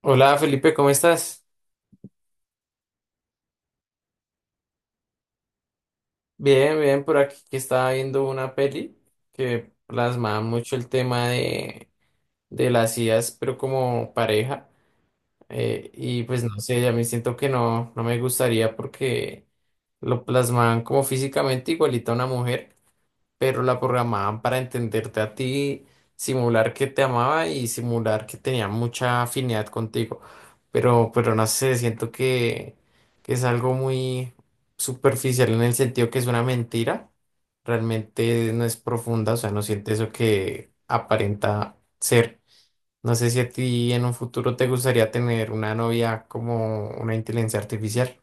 Hola Felipe, ¿cómo estás? Bien, bien, por aquí que estaba viendo una peli que plasmaba mucho el tema de las ideas, pero como pareja. Y pues no sé, a mí siento que no, no me gustaría porque lo plasmaban como físicamente igualita a una mujer, pero la programaban para entenderte a ti, simular que te amaba y simular que tenía mucha afinidad contigo. Pero no sé, siento que es algo muy superficial en el sentido que es una mentira. Realmente no es profunda, o sea, no siente eso que aparenta ser. No sé si a ti en un futuro te gustaría tener una novia como una inteligencia artificial.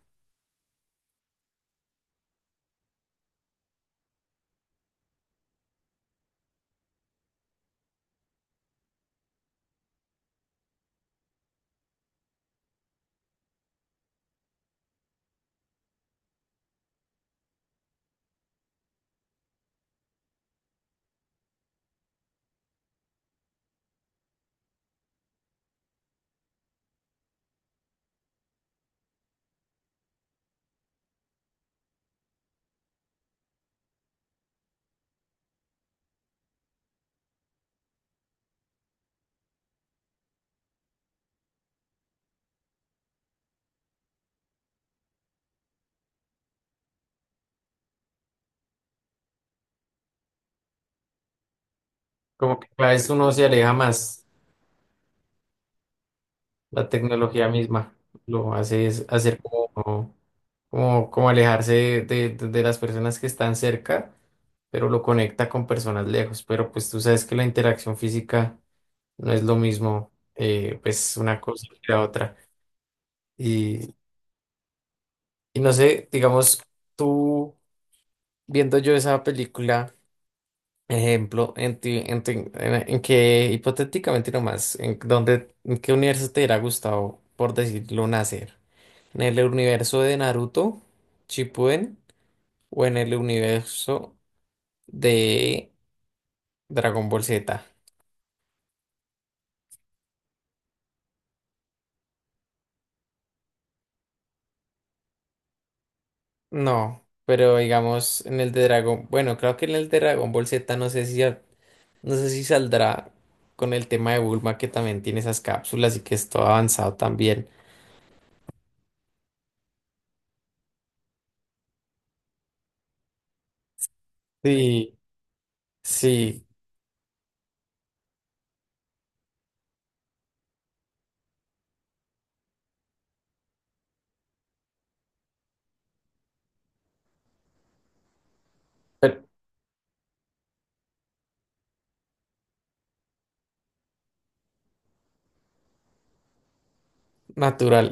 Como que cada vez uno se aleja más. La tecnología misma lo hace, es hacer como, como alejarse de las personas que están cerca, pero lo conecta con personas lejos. Pero pues tú sabes que la interacción física no es lo mismo, pues una cosa que la otra. Y, y no sé, digamos, tú viendo yo esa película, ejemplo, en que hipotéticamente nomás, en dónde, en qué universo te hubiera gustado, por decirlo, nacer. ¿En el universo de Naruto, Shippuden, o en el universo de Dragon Ball Z? No, pero digamos en el de Dragon, bueno, creo que en el de Dragon Ball Z no sé si saldrá con el tema de Bulma, que también tiene esas cápsulas y que es todo avanzado también. Sí, sí, pero natural.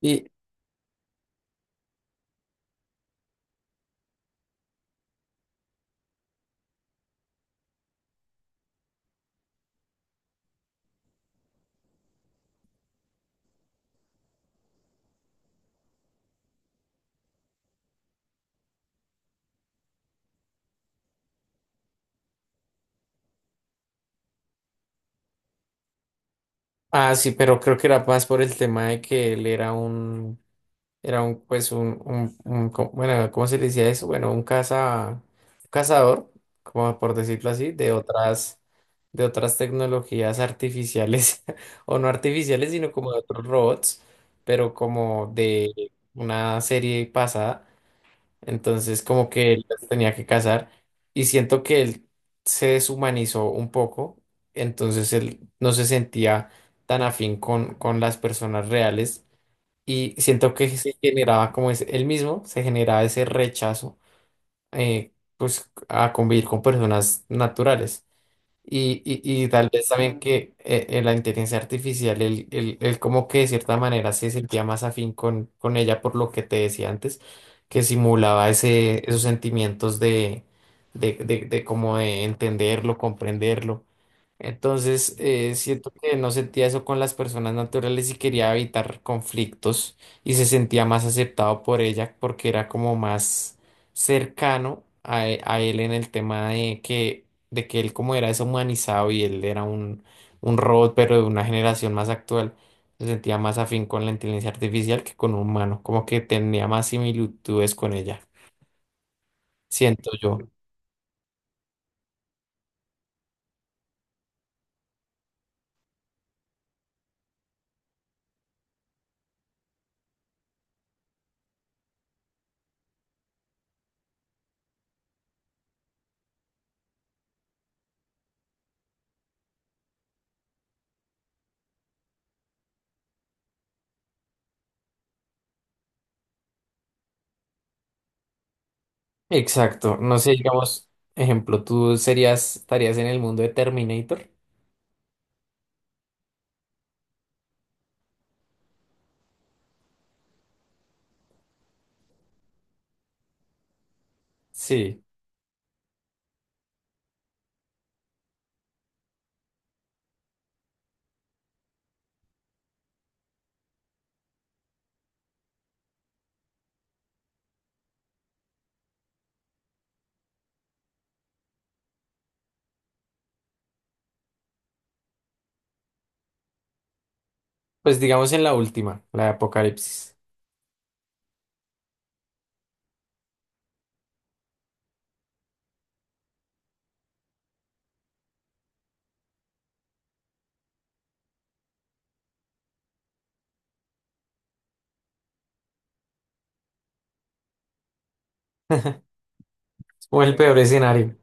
Y ah, sí, pero creo que era más por el tema de que él era un era un, pues, bueno, ¿cómo se le decía eso? Bueno, un caza, cazador, como por decirlo así, de otras tecnologías artificiales, o no artificiales, sino como de otros robots, pero como de una serie pasada. Entonces, como que él las tenía que cazar. Y siento que él se deshumanizó un poco. Entonces, él no se sentía tan afín con las personas reales, y siento que se generaba como es el mismo, se generaba ese rechazo eh, pues a convivir con personas naturales. Y tal vez también que la inteligencia artificial, él como que de cierta manera se sentía más afín con ella por lo que te decía antes, que simulaba ese, esos sentimientos de, de como de entenderlo, comprenderlo. Entonces, siento que no sentía eso con las personas naturales y quería evitar conflictos, y se sentía más aceptado por ella porque era como más cercano a, a él en el tema de que él como era deshumanizado y él era un robot pero de una generación más actual, se sentía más afín con la inteligencia artificial que con un humano, como que tenía más similitudes con ella, siento yo. Exacto. No sé, digamos, ejemplo, tú serías, estarías en el mundo de Terminator. Sí. Pues digamos en la última, la de Apocalipsis. O el peor escenario.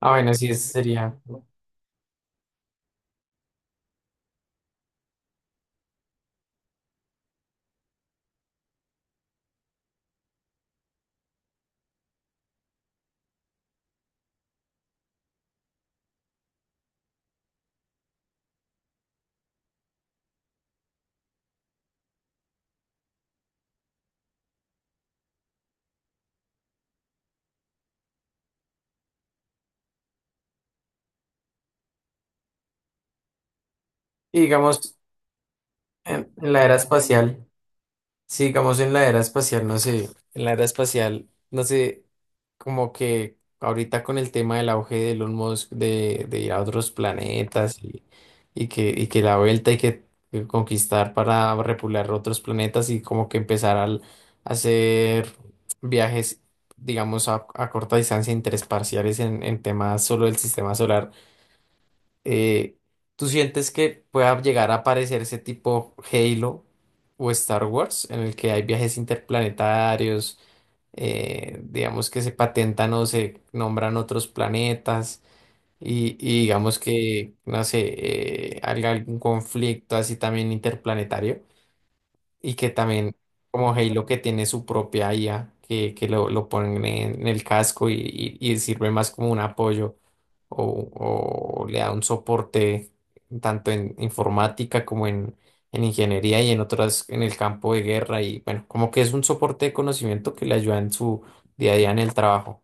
Ah, bueno, sí, ese sería. Y digamos, en la era espacial. Sí, digamos en la era espacial, no sé, en la era espacial, no sé, como que ahorita con el tema del auge de Elon Musk de ir a otros planetas y que la vuelta y que conquistar para repular otros planetas, y como que empezar a hacer viajes, digamos, a corta distancia interespaciales en temas solo del sistema solar. eh, ¿Tú sientes que pueda llegar a aparecer ese tipo Halo o Star Wars en el que hay viajes interplanetarios, digamos que se patentan o se nombran otros planetas, y digamos que, no sé, hay algún conflicto así también interplanetario? Y que también, como Halo, que tiene su propia IA, que lo ponen en el casco, y sirve más como un apoyo o, o le da un soporte tanto en informática como en ingeniería y en otras, en el campo de guerra. Y bueno, como que es un soporte de conocimiento que le ayuda en su día a día en el trabajo.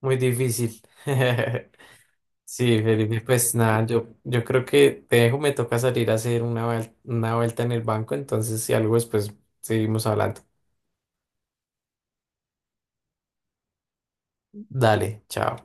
Muy difícil. Sí, Felipe, pues nada, yo creo que te dejo, me toca salir a hacer una, una vuelta en el banco, entonces si algo después seguimos hablando. Dale, chao.